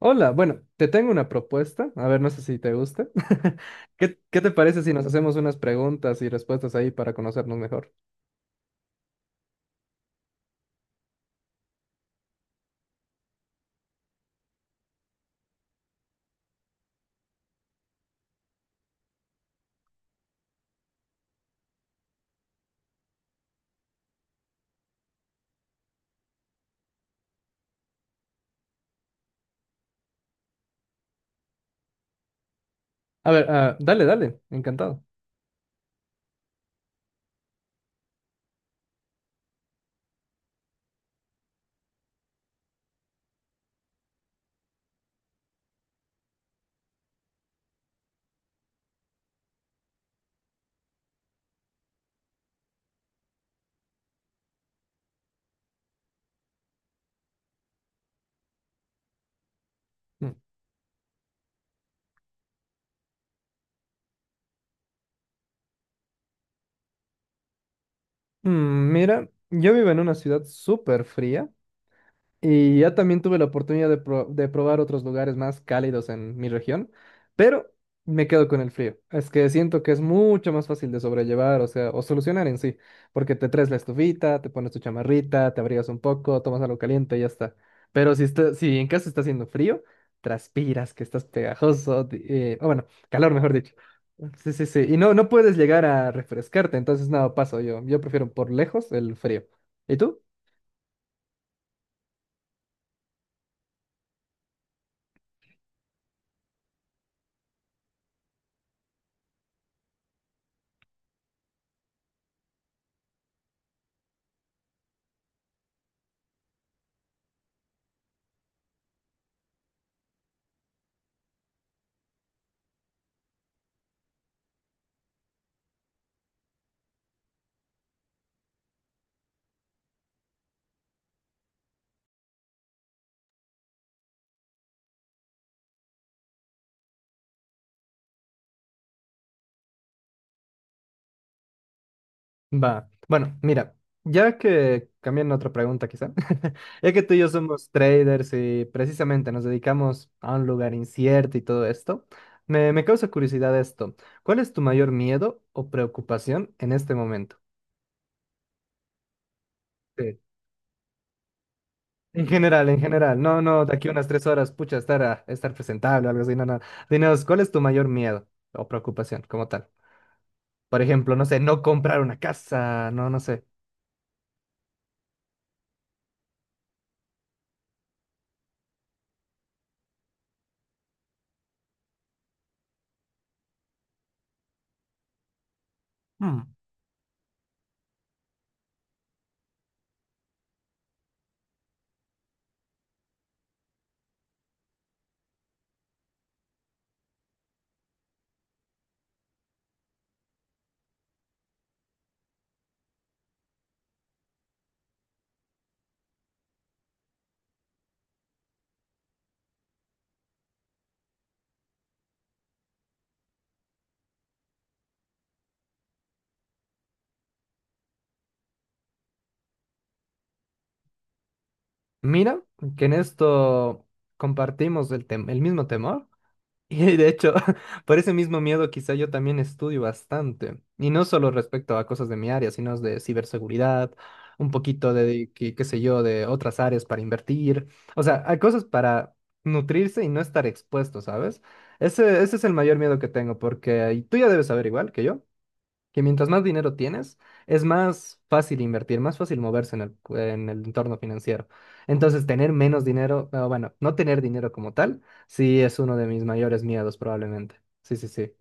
Hola, bueno, te tengo una propuesta. A ver, no sé si te gusta. ¿Qué te parece si nos hacemos unas preguntas y respuestas ahí para conocernos mejor? A ver, dale, dale, encantado. Mm. Mira, yo vivo en una ciudad súper fría y ya también tuve la oportunidad de probar otros lugares más cálidos en mi región, pero me quedo con el frío. Es que siento que es mucho más fácil de sobrellevar, o sea, o solucionar en sí, porque te traes la estufita, te pones tu chamarrita, te abrigas un poco, tomas algo caliente y ya está. Pero si en casa está haciendo frío, transpiras, que estás pegajoso, o bueno, calor mejor dicho. Sí, sí, sí. Y no, no puedes llegar a refrescarte, entonces nada, paso yo. Yo prefiero por lejos el frío. ¿Y tú? Va. Bueno, mira, ya que cambian otra pregunta quizá, ya que tú y yo somos traders y precisamente nos dedicamos a un lugar incierto y todo esto, me causa curiosidad esto. ¿Cuál es tu mayor miedo o preocupación en este momento? Sí. En general, no, no, de aquí unas tres horas, pucha, estar presentable o algo así, no, no. Dinos, ¿cuál es tu mayor miedo o preocupación como tal? Por ejemplo, no sé, no comprar una casa, no, no sé. Mira que en esto compartimos el mismo temor y de hecho por ese mismo miedo quizá yo también estudio bastante y no solo respecto a cosas de mi área, sino de ciberseguridad, un poquito de, qué sé yo, de otras áreas para invertir, o sea, hay cosas para nutrirse y no estar expuesto, ¿sabes? Ese es el mayor miedo que tengo porque y tú ya debes saber igual que yo que mientras más dinero tienes, es más fácil invertir, más fácil moverse en el entorno financiero. Entonces, tener menos dinero, ah, bueno, no tener dinero como tal, sí es uno de mis mayores miedos probablemente. Sí, sí, sí.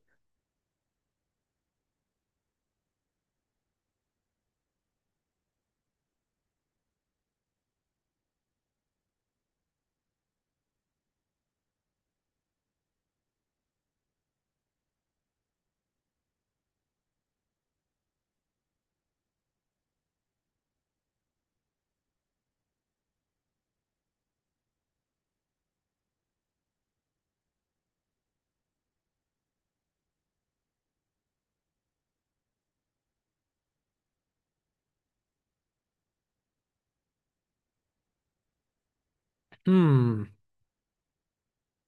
Mm,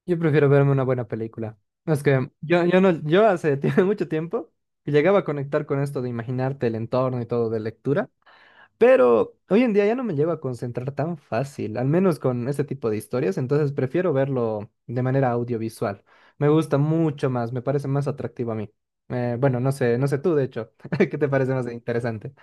yo prefiero verme una buena película. Es que yo no, yo hace mucho tiempo que llegaba a conectar con esto de imaginarte el entorno y todo de lectura. Pero hoy en día ya no me llego a concentrar tan fácil, al menos con este tipo de historias, entonces prefiero verlo de manera audiovisual. Me gusta mucho más, me parece más atractivo a mí. Bueno, no sé tú, de hecho, ¿qué te parece más interesante?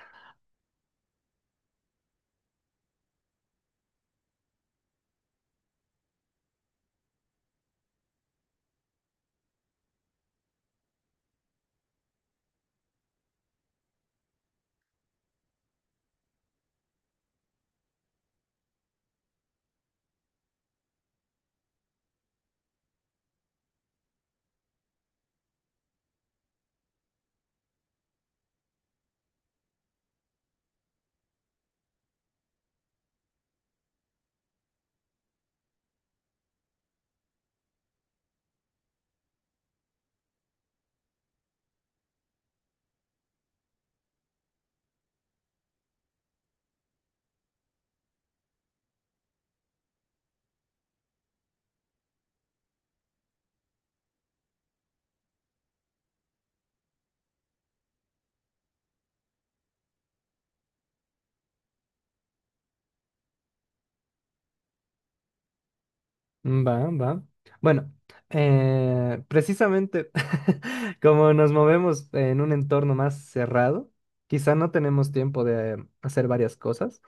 Va, va. Bueno, precisamente como nos movemos en un entorno más cerrado, quizá no tenemos tiempo de hacer varias cosas.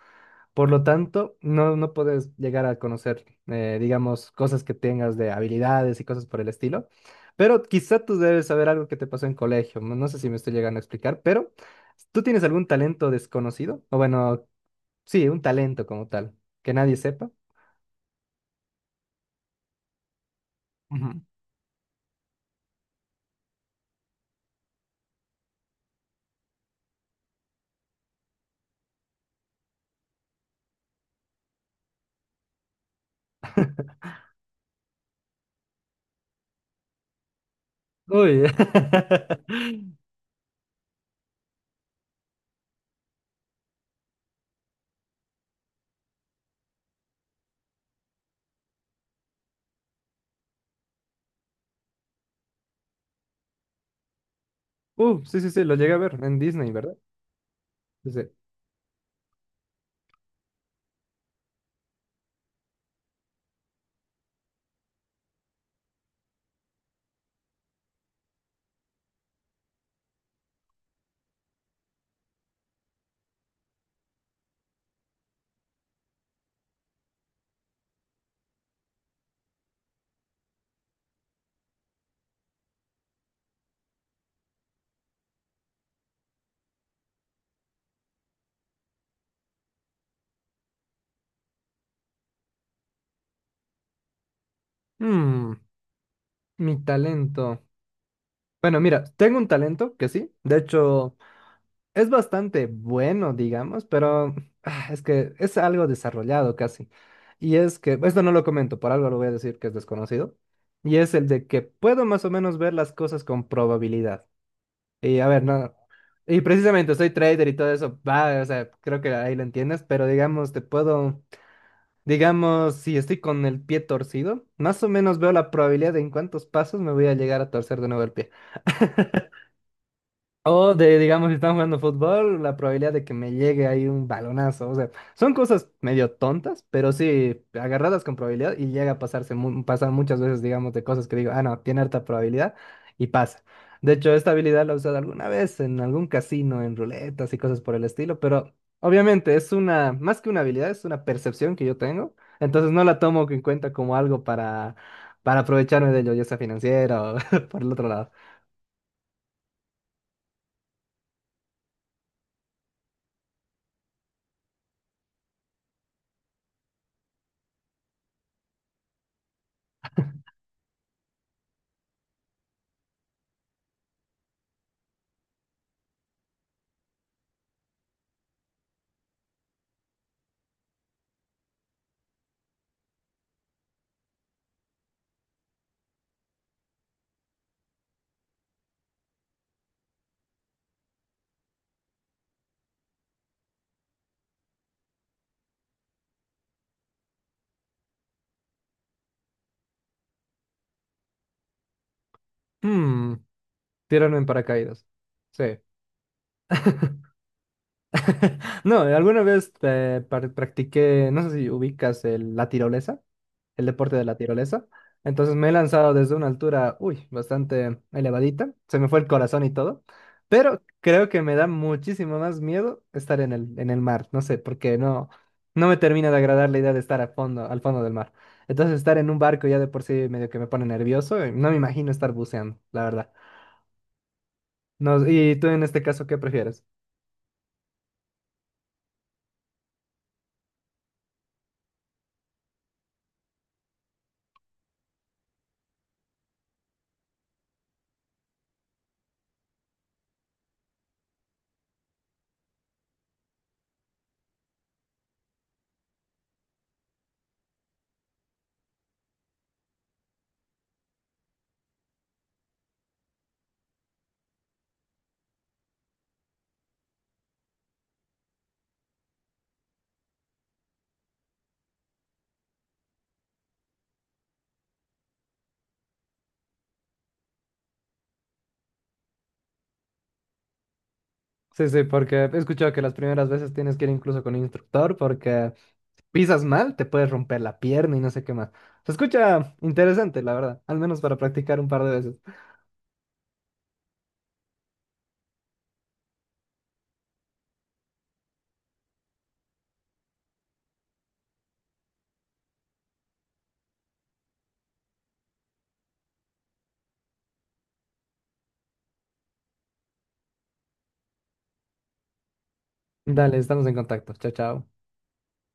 Por lo tanto, no, no puedes llegar a conocer, digamos, cosas que tengas de habilidades y cosas por el estilo. Pero quizá tú debes saber algo que te pasó en colegio. No no sé si me estoy llegando a explicar, pero ¿tú tienes algún talento desconocido? O bueno, sí, un talento como tal, que nadie sepa. Ujú. Uy. Sí, sí, sí, lo llegué a ver en Disney, ¿verdad? Dice, "Mm, mi talento." Bueno, mira, tengo un talento que sí. De hecho. Es bastante bueno, digamos, pero es que es algo desarrollado casi. Y es que, esto no lo comento, por algo lo voy a decir que es desconocido. Y es el de que puedo más o menos ver las cosas con probabilidad. Y a ver, no. Y precisamente soy trader y todo eso, va, o sea, creo que ahí lo entiendes, pero digamos, digamos, si estoy con el pie torcido, más o menos veo la probabilidad de en cuántos pasos me voy a llegar a torcer de nuevo el pie. O de, digamos, si están jugando fútbol, la probabilidad de que me llegue ahí un balonazo. O sea, son cosas medio tontas, pero sí agarradas con probabilidad y llega a pasarse, pasar muchas veces, digamos, de cosas que digo, ah, no, tiene harta probabilidad y pasa. De hecho, esta habilidad la he usado alguna vez en algún casino, en ruletas y cosas por el estilo, pero obviamente es una, más que una habilidad, es una percepción que yo tengo. Entonces no la tomo en cuenta como algo para aprovecharme de ello, ya sea financiero o por el otro lado. Hmm, tiraron en paracaídas. Sí. No, alguna vez practiqué, no sé si ubicas la tirolesa, el deporte de la tirolesa. Entonces me he lanzado desde una altura, uy, bastante elevadita. Se me fue el corazón y todo. Pero creo que me da muchísimo más miedo estar en el mar. No sé, porque no, no me termina de agradar la idea de estar a fondo, al fondo del mar. Entonces estar en un barco ya de por sí medio que me pone nervioso. Y no me imagino estar buceando, la verdad. No, ¿y tú en este caso, qué prefieres? Sí, sí, porque he escuchado que las primeras veces tienes que ir incluso con un instructor porque pisas mal, te puedes romper la pierna y no sé qué más. Se escucha interesante, la verdad, al menos para practicar un par de veces. Dale, estamos en contacto. Chao, chao.